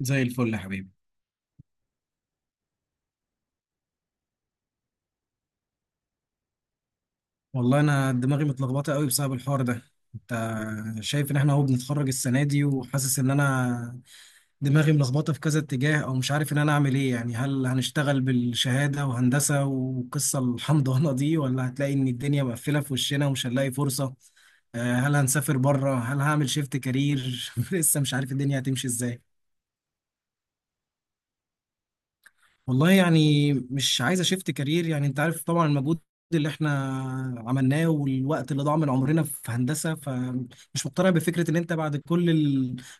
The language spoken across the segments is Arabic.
زي الفل يا حبيبي. والله انا دماغي متلخبطه قوي بسبب الحوار ده. انت شايف ان احنا اهو بنتخرج السنه دي، وحاسس ان انا دماغي ملخبطه في كذا اتجاه، او مش عارف ان انا اعمل ايه. يعني هل هنشتغل بالشهاده وهندسه وقصه الحمضانه دي، ولا هتلاقي ان الدنيا مقفله في وشنا ومش هنلاقي فرصه؟ هل هنسافر بره؟ هل هعمل شيفت كارير؟ لسه مش عارف الدنيا هتمشي ازاي. والله يعني مش عايز اشفت كارير. يعني انت عارف طبعا المجهود اللي احنا عملناه والوقت اللي ضاع من عمرنا في هندسة، فمش مقتنع بفكرة ان انت بعد كل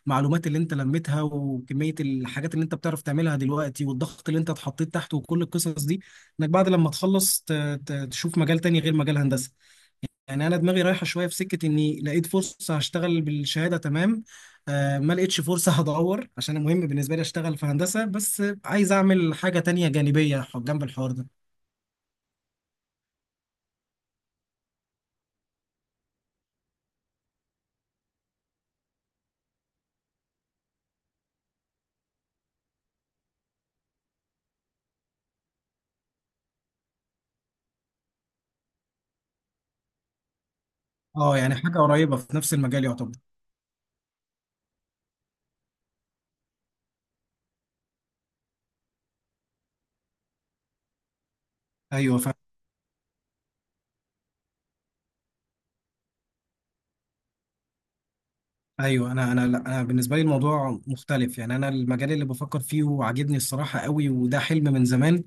المعلومات اللي انت لميتها وكمية الحاجات اللي انت بتعرف تعملها دلوقتي والضغط اللي انت اتحطيت تحته وكل القصص دي، انك بعد لما تخلص تشوف مجال تاني غير مجال هندسة. يعني انا دماغي رايحه شويه في سكه اني لقيت فرصه هشتغل بالشهاده تمام. آه، ما لقيتش فرصه، هدور، عشان مهم بالنسبه لي اشتغل في هندسه، بس عايز اعمل حاجه تانية جانبيه جنب الحوار ده. اه، يعني حاجه قريبه في نفس المجال يعتبر. ايوه، ايوه، انا. لا، انا بالنسبه لي الموضوع مختلف. يعني انا المجال اللي بفكر فيه وعاجبني الصراحه قوي، وده حلم من زمان.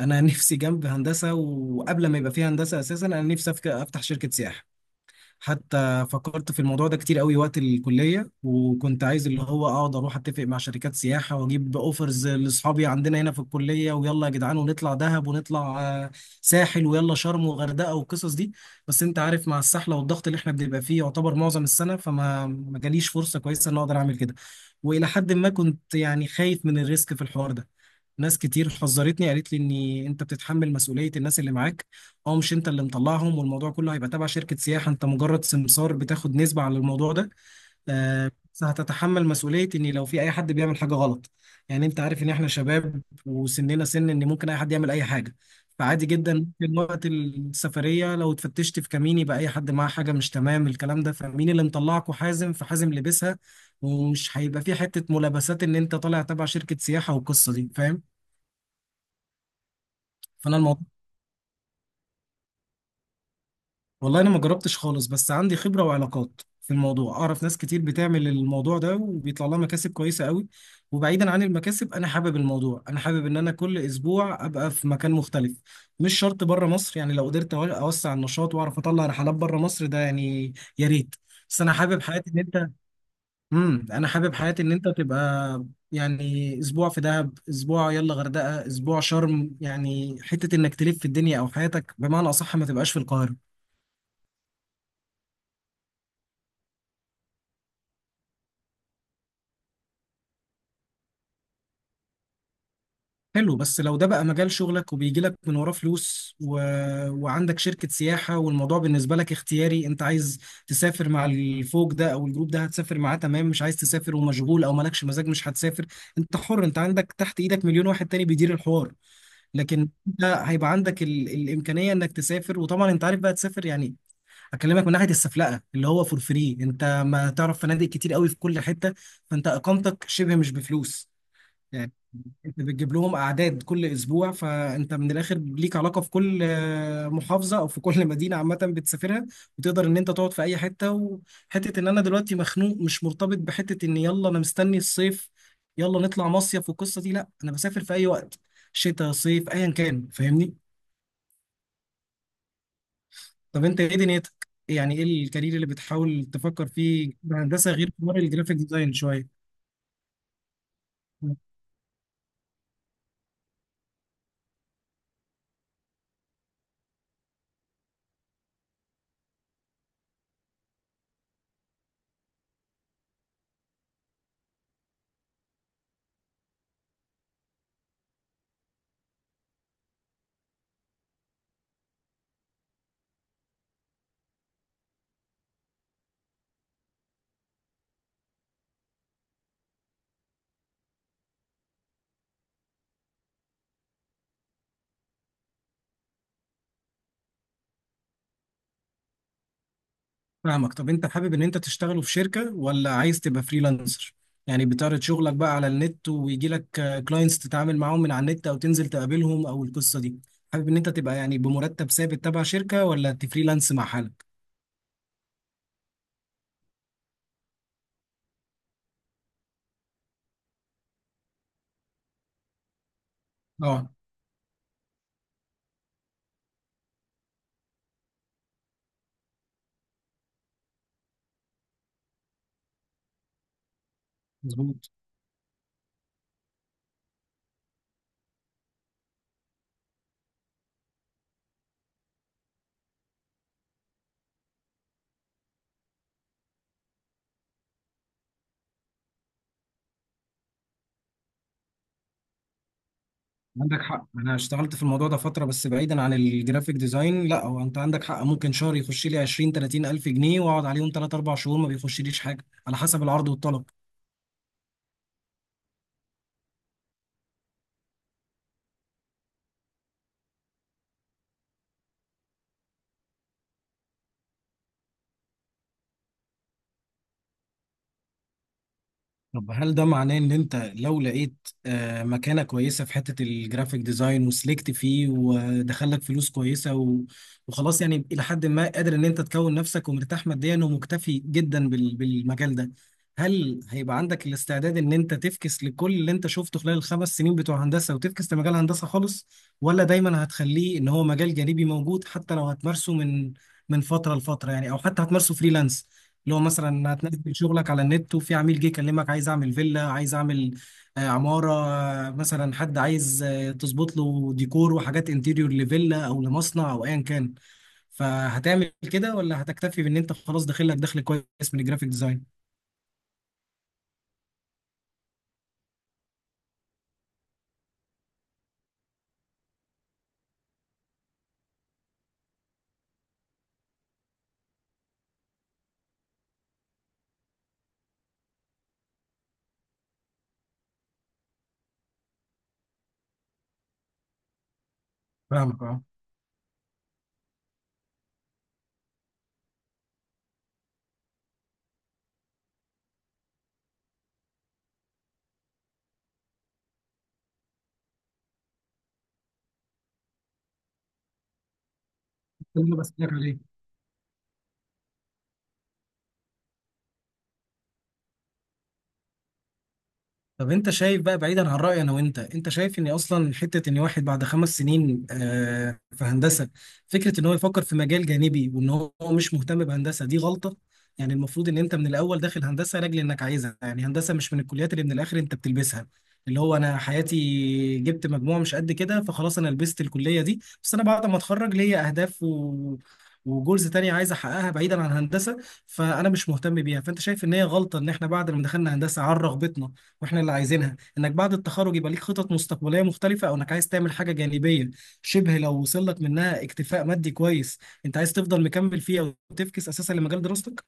انا نفسي جنب هندسه، وقبل ما يبقى فيه هندسه اساسا انا نفسي افتح شركه سياحه. حتى فكرت في الموضوع ده كتير قوي وقت الكلية، وكنت عايز اللي هو اقعد اروح اتفق مع شركات سياحة واجيب اوفرز لاصحابي عندنا هنا في الكلية، ويلا يا جدعان ونطلع دهب ونطلع آه، ساحل، ويلا شرم وغردقة والقصص دي. بس انت عارف، مع السحلة والضغط اللي احنا بنبقى فيه يعتبر معظم السنة، فما ما جاليش فرصة كويسة ان اقدر اعمل كده. والى حد ما كنت يعني خايف من الريسك في الحوار ده. ناس كتير حذرتني، قالت لي ان انت بتتحمل مسؤولية الناس اللي معاك، اه، مش انت اللي مطلعهم، والموضوع كله هيبقى تبع شركة سياحة، انت مجرد سمسار بتاخد نسبة على الموضوع ده. آه، بس هتتحمل مسؤولية ان لو في اي حد بيعمل حاجة غلط. يعني انت عارف ان احنا شباب وسننا سن ان ممكن اي حد يعمل اي حاجة. فعادي جدا ممكن وقت السفرية لو اتفتشت في كمين، يبقى اي حد معاه حاجة مش تمام الكلام ده، فمين اللي مطلعكوا؟ حازم، فحازم لبسها. ومش هيبقى في حتة ملابسات ان انت طالع تبع شركة سياحة والقصة دي، فاهم. فانا الموضوع والله انا ما جربتش خالص، بس عندي خبره وعلاقات في الموضوع، اعرف ناس كتير بتعمل الموضوع ده وبيطلع لها مكاسب كويسه قوي. وبعيدا عن المكاسب، انا حابب الموضوع، انا حابب ان انا كل اسبوع ابقى في مكان مختلف. مش شرط بره مصر، يعني لو قدرت اوسع النشاط واعرف اطلع رحلات بره مصر، ده يعني يا ريت. بس انا حابب حياتي ان انت، انا حابب حياتي ان انت تبقى يعني اسبوع في دهب، اسبوع يلا غردقه، اسبوع شرم، يعني حته انك تلف في الدنيا، او حياتك بمعنى اصح ما تبقاش في القاهره. حلو، بس لو ده بقى مجال شغلك وبيجي لك من وراه فلوس و... وعندك شركة سياحة، والموضوع بالنسبة لك اختياري، انت عايز تسافر مع الفوج ده او الجروب ده هتسافر معاه، تمام، مش عايز تسافر ومشغول او مالكش مزاج مش هتسافر. انت حر، انت عندك تحت ايدك مليون واحد تاني بيدير الحوار. لكن انت هيبقى عندك الامكانية انك تسافر، وطبعا انت عارف بقى تسافر. يعني اكلمك من ناحية السفلقة اللي هو فور فري، انت ما تعرف فنادق كتير قوي في كل حتة، فانت اقامتك شبه مش بفلوس. انت بتجيب لهم اعداد كل اسبوع، فانت من الاخر ليك علاقه في كل محافظه، او في كل مدينه عامه بتسافرها. وتقدر ان انت تقعد في اي حته وحته، ان انا دلوقتي مخنوق مش مرتبط بحته، ان يلا انا مستني الصيف يلا نطلع مصيف والقصه دي، لا انا بسافر في اي وقت، شتاء صيف ايا كان، فاهمني. طب انت ايه دنيتك؟ يعني ايه الكارير اللي بتحاول تفكر فيه، هندسه غير حوار الجرافيك ديزاين شويه؟ فاهمك. طب انت حابب ان انت تشتغله في شركة ولا عايز تبقى فريلانسر؟ يعني بتعرض شغلك بقى على النت ويجي لك كلاينتس تتعامل معاهم من على النت، او تنزل تقابلهم، او القصة دي؟ حابب ان انت تبقى يعني بمرتب ثابت تبع شركة، ولا تفريلانس مع حالك؟ اه، مظبوط. عندك حق، انا اشتغلت في الموضوع ده فترة، بس بعيدا عن الجرافيك ديزاين. لا هو انت عندك حق، ممكن شهر يخش لي 20 30 الف جنيه واقعد عليهم 3 4 شهور ما بيخشليش حاجة، على حسب العرض والطلب. طب هل ده معناه ان انت لو لقيت مكانة كويسة في حتة الجرافيك ديزاين وسلكت فيه ودخلك فلوس كويسة و- وخلاص، يعني الى حد ما قادر ان انت تكون نفسك ومرتاح ماديا ومكتفي جدا بالمجال ده، هل هيبقى عندك الاستعداد ان انت تفكس لكل اللي انت شفته خلال الخمس سنين بتوع هندسة وتفكس لمجال هندسة خالص؟ ولا دايما هتخليه ان هو مجال جانبي موجود حتى لو هتمارسه من فترة لفترة، يعني، او حتى هتمارسه فريلانس. اللي هو مثلا هتنزل شغلك على النت وفي عميل جه يكلمك عايز اعمل فيلا، عايز اعمل عمارة، مثلا حد عايز تظبط له ديكور وحاجات انتيريور لفيلا او لمصنع او ايا كان، فهتعمل كده؟ ولا هتكتفي بان انت خلاص داخل لك دخل كويس من الجرافيك ديزاين؟ فاهمك، اه. ده اللي أنا بسألك عليه. طب انت شايف بقى، بعيدا عن رأيي انا وانت، انت شايف ان اصلا حتة ان واحد بعد خمس سنين في هندسة، فكرة ان هو يفكر في مجال جانبي وان هو مش مهتم بهندسة، دي غلطة؟ يعني المفروض ان انت من الاول داخل هندسة لاجل انك عايزها، يعني هندسة مش من الكليات اللي من الاخر انت بتلبسها، اللي هو انا حياتي جبت مجموع مش قد كده، فخلاص انا لبست الكلية دي. بس انا بعد ما اتخرج ليا اهداف و... وجولز تانية عايز احققها بعيدا عن هندسة، فانا مش مهتم بيها. فانت شايف ان هي غلطة، ان احنا بعد ما دخلنا هندسة عن رغبتنا واحنا اللي عايزينها، انك بعد التخرج يبقى ليك خطط مستقبليه مختلفه، او انك عايز تعمل حاجه جانبيه شبه، لو وصل لك منها اكتفاء مادي كويس، انت عايز تفضل مكمل فيه او تفكس اساسا لمجال دراستك؟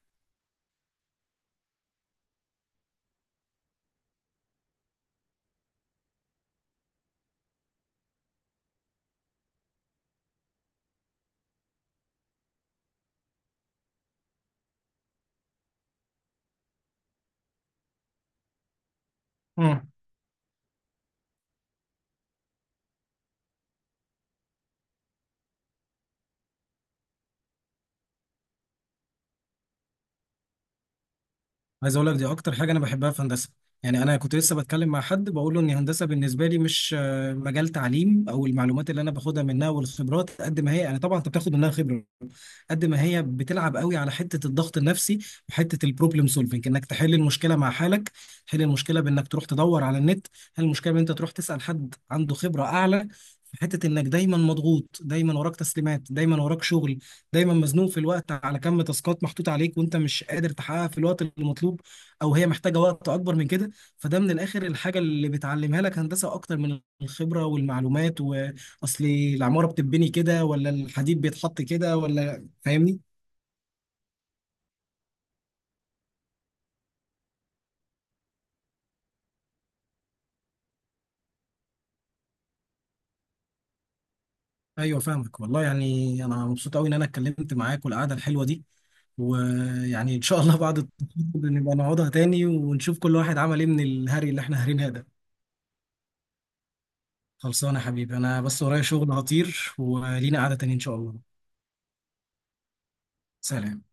مم. عايز اقول لك، دي اكتر حاجه انا بحبها في هندسه. يعني انا كنت لسه بتكلم مع حد بقول له ان هندسه بالنسبه لي مش مجال تعليم، او المعلومات اللي انا باخدها منها والخبرات. قد ما هي انا طبعا انت بتاخد منها خبره، قد ما هي بتلعب قوي على حته الضغط النفسي، وحته البروبلم سولفنج انك تحل المشكله مع حالك، تحل المشكله بانك تروح تدور على النت. هل المشكله ان انت تروح تسال حد عنده خبره اعلى؟ في حته انك دايما مضغوط، دايما وراك تسليمات، دايما وراك شغل، دايما مزنوق في الوقت، على كم تاسكات محطوط عليك وانت مش قادر تحققها في الوقت المطلوب، او هي محتاجه وقت اكبر من كده. فده من الاخر الحاجه اللي بتعلمها لك هندسه، اكتر من الخبره والمعلومات، واصل العماره بتتبني كده ولا الحديد بيتحط كده ولا، فاهمني. ايوه فاهمك. والله يعني انا مبسوط قوي ان انا اتكلمت معاك والقعده الحلوه دي، ويعني ان شاء الله بعد التخرج نبقى نقعدها تاني ونشوف كل واحد عمل ايه من الهري اللي احنا هارينها ده. خلصانه يا حبيبي، انا بس ورايا شغل هطير، ولينا قعده تاني ان شاء الله. سلام.